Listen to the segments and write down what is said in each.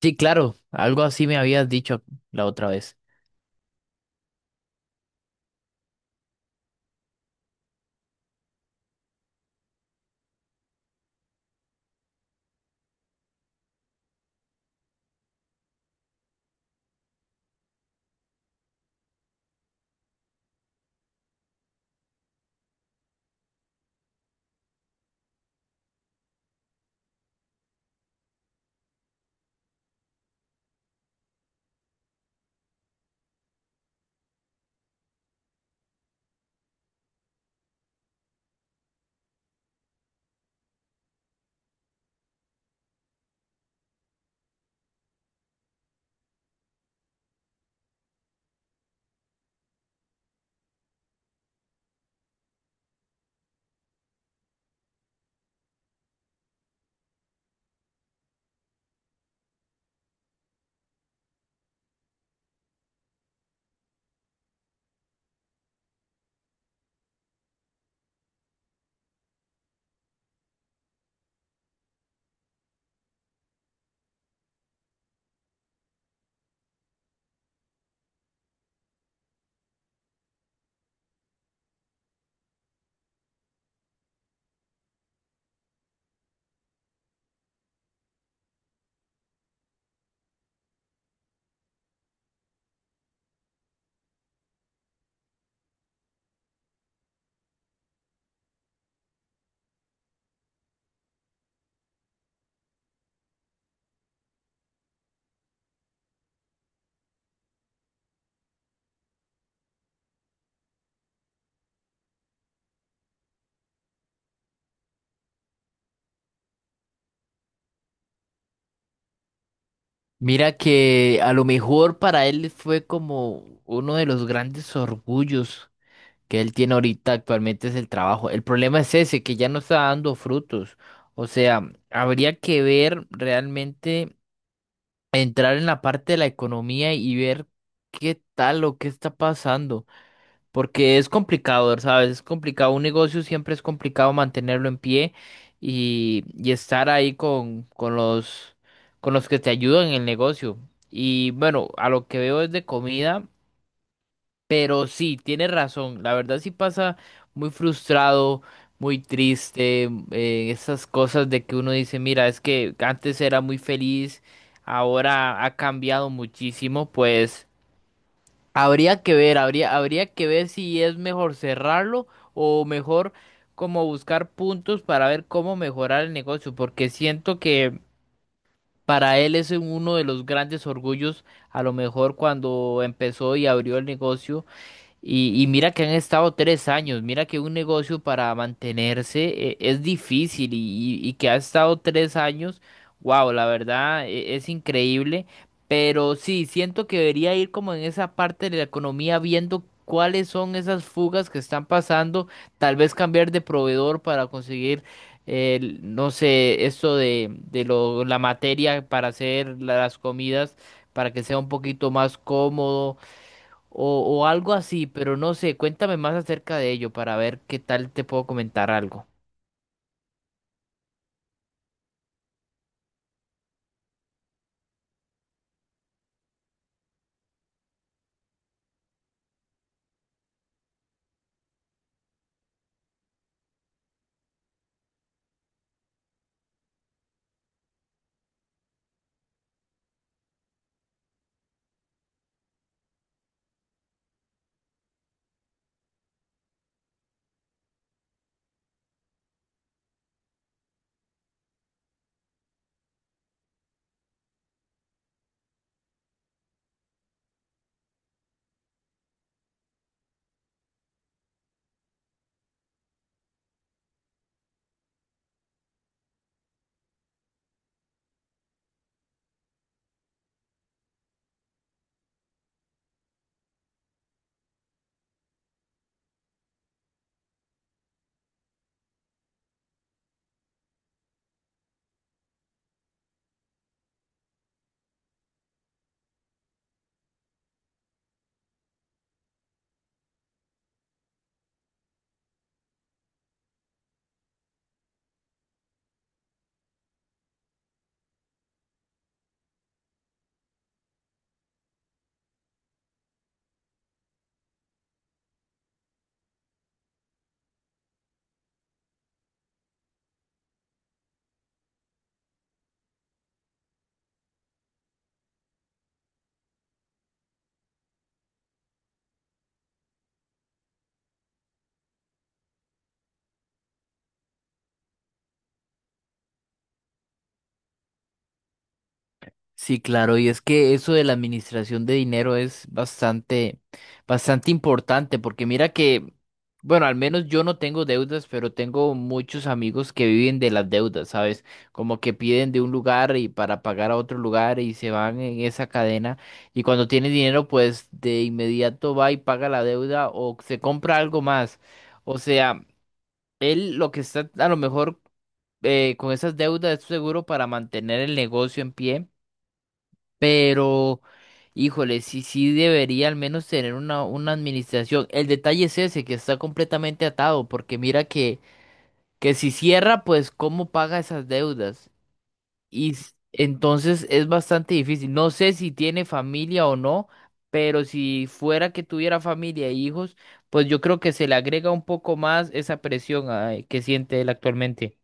Sí, claro, algo así me habías dicho la otra vez. Mira que a lo mejor para él fue como uno de los grandes orgullos que él tiene ahorita actualmente es el trabajo. El problema es ese, que ya no está dando frutos. O sea, habría que ver realmente, entrar en la parte de la economía y ver qué tal o qué está pasando. Porque es complicado, ¿sabes? Es complicado. Un negocio siempre es complicado mantenerlo en pie y estar ahí con los que te ayudan en el negocio. Y bueno, a lo que veo es de comida, pero sí, tienes razón. La verdad sí pasa muy frustrado, muy triste, esas cosas de que uno dice, mira, es que antes era muy feliz, ahora ha cambiado muchísimo, pues. Habría que ver, habría que ver si es mejor cerrarlo o mejor como buscar puntos para ver cómo mejorar el negocio, porque siento que para él es uno de los grandes orgullos, a lo mejor cuando empezó y abrió el negocio. Y mira que han estado 3 años, mira que un negocio para mantenerse es difícil y que ha estado 3 años, wow, la verdad es, increíble, pero sí, siento que debería ir como en esa parte de la economía viendo cuáles son esas fugas que están pasando, tal vez cambiar de proveedor para conseguir, no sé, esto de la materia para hacer las comidas, para que sea un poquito más cómodo o algo así, pero no sé, cuéntame más acerca de ello para ver qué tal te puedo comentar algo. Sí, claro, y es que eso de la administración de dinero es bastante, bastante importante, porque mira que, bueno, al menos yo no tengo deudas, pero tengo muchos amigos que viven de las deudas, ¿sabes? Como que piden de un lugar y para pagar a otro lugar y se van en esa cadena y cuando tiene dinero, pues de inmediato va y paga la deuda o se compra algo más. O sea, él lo que está a lo mejor con esas deudas es seguro para mantener el negocio en pie, pero híjole, sí, sí debería al menos tener una administración. El detalle es ese, que está completamente atado, porque mira que si cierra, pues cómo paga esas deudas. Y entonces es bastante difícil. No sé si tiene familia o no, pero si fuera que tuviera familia e hijos, pues yo creo que se le agrega un poco más esa presión, que siente él actualmente.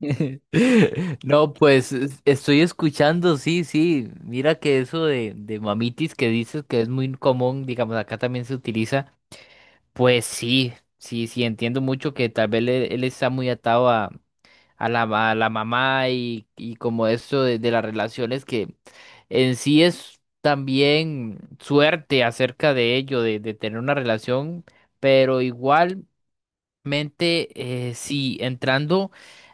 No, pues estoy escuchando, sí, sí. Mira que eso de mamitis que dices que es muy común, digamos, acá también se utiliza. Pues sí, sí, sí, entiendo mucho que tal vez él, está muy atado a la mamá y como eso de las relaciones que en sí es también suerte acerca de ello, de tener una relación, pero igual. Sí, entrando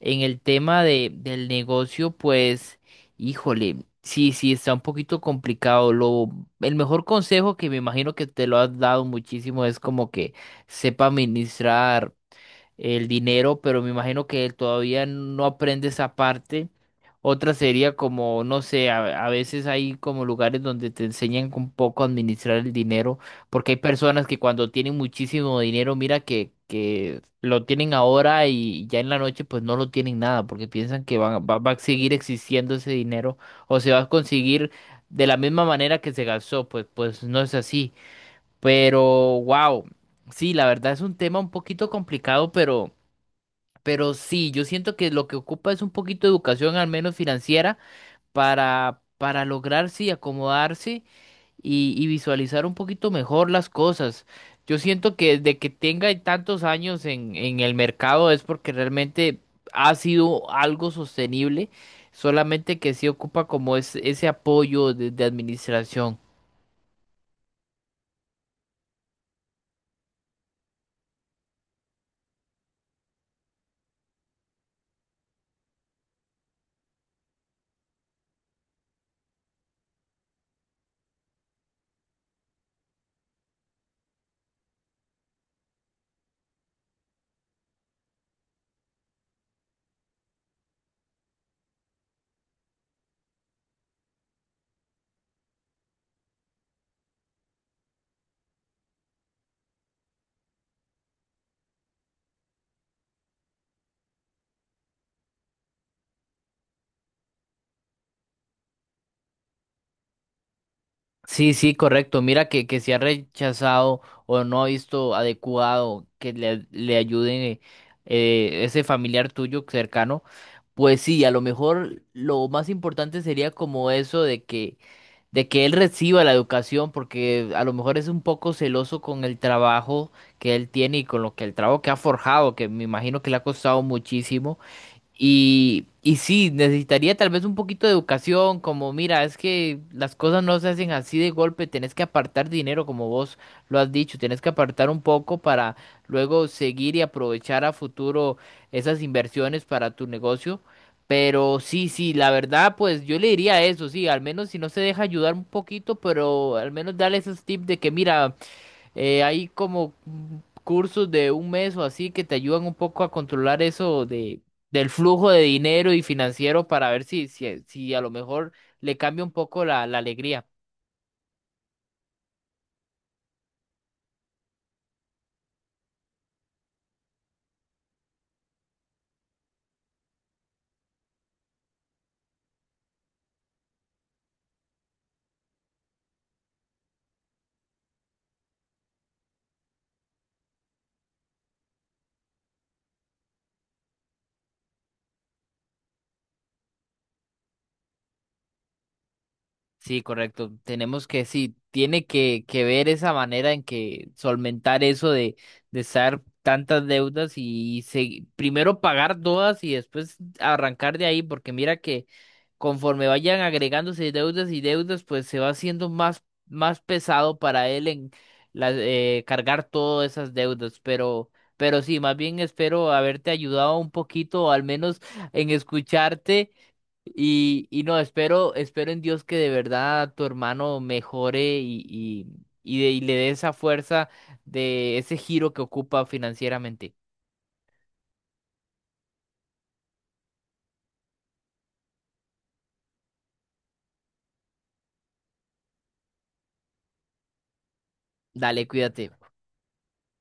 en el tema del negocio, pues, híjole, sí, sí, está un poquito complicado. El mejor consejo que me imagino que te lo has dado muchísimo es como que sepa administrar el dinero, pero me imagino que él todavía no aprende esa parte. Otra sería como, no sé, a veces hay como lugares donde te enseñan un poco a administrar el dinero, porque hay personas que cuando tienen muchísimo dinero, mira que lo tienen ahora y ya en la noche pues no lo tienen nada, porque piensan que va a seguir existiendo ese dinero o se va a conseguir de la misma manera que se gastó, pues no es así. Pero, wow, sí, la verdad es un tema un poquito complicado, pero. Pero sí, yo siento que lo que ocupa es un poquito de educación, al menos financiera, para lograr, sí, acomodarse y visualizar un poquito mejor las cosas. Yo siento que desde que tenga tantos años en el mercado es porque realmente ha sido algo sostenible, solamente que sí ocupa como es, ese apoyo de administración. Sí, sí, correcto. Mira que se ha rechazado o no ha visto adecuado que le ayude ese familiar tuyo cercano. Pues sí, a lo mejor lo más importante sería como eso de que él reciba la educación, porque a lo mejor es un poco celoso con el trabajo que él tiene y con lo que el trabajo que ha forjado, que me imagino que le ha costado muchísimo. Y sí, necesitaría tal vez un poquito de educación, como mira, es que las cosas no se hacen así de golpe, tenés que apartar dinero, como vos lo has dicho, tenés que apartar un poco para luego seguir y aprovechar a futuro esas inversiones para tu negocio. Pero sí, sí, la verdad, pues yo le diría eso, sí, al menos si no se deja ayudar un poquito, pero al menos dale esos tips de que mira, hay como cursos de un mes o así que te ayudan un poco a controlar eso del flujo de dinero y financiero para ver si, si a lo mejor le cambia un poco la alegría. Sí, correcto. Tenemos que, sí, tiene que ver esa manera en que solventar eso de estar tantas deudas y primero pagar todas y después arrancar de ahí, porque mira que conforme vayan agregándose deudas y deudas, pues se va haciendo más, más pesado para él en cargar todas esas deudas. Pero sí, más bien espero haberte ayudado un poquito, o al menos en escucharte y no, espero en Dios que de verdad tu hermano mejore y le dé esa fuerza de ese giro que ocupa financieramente. Dale, cuídate.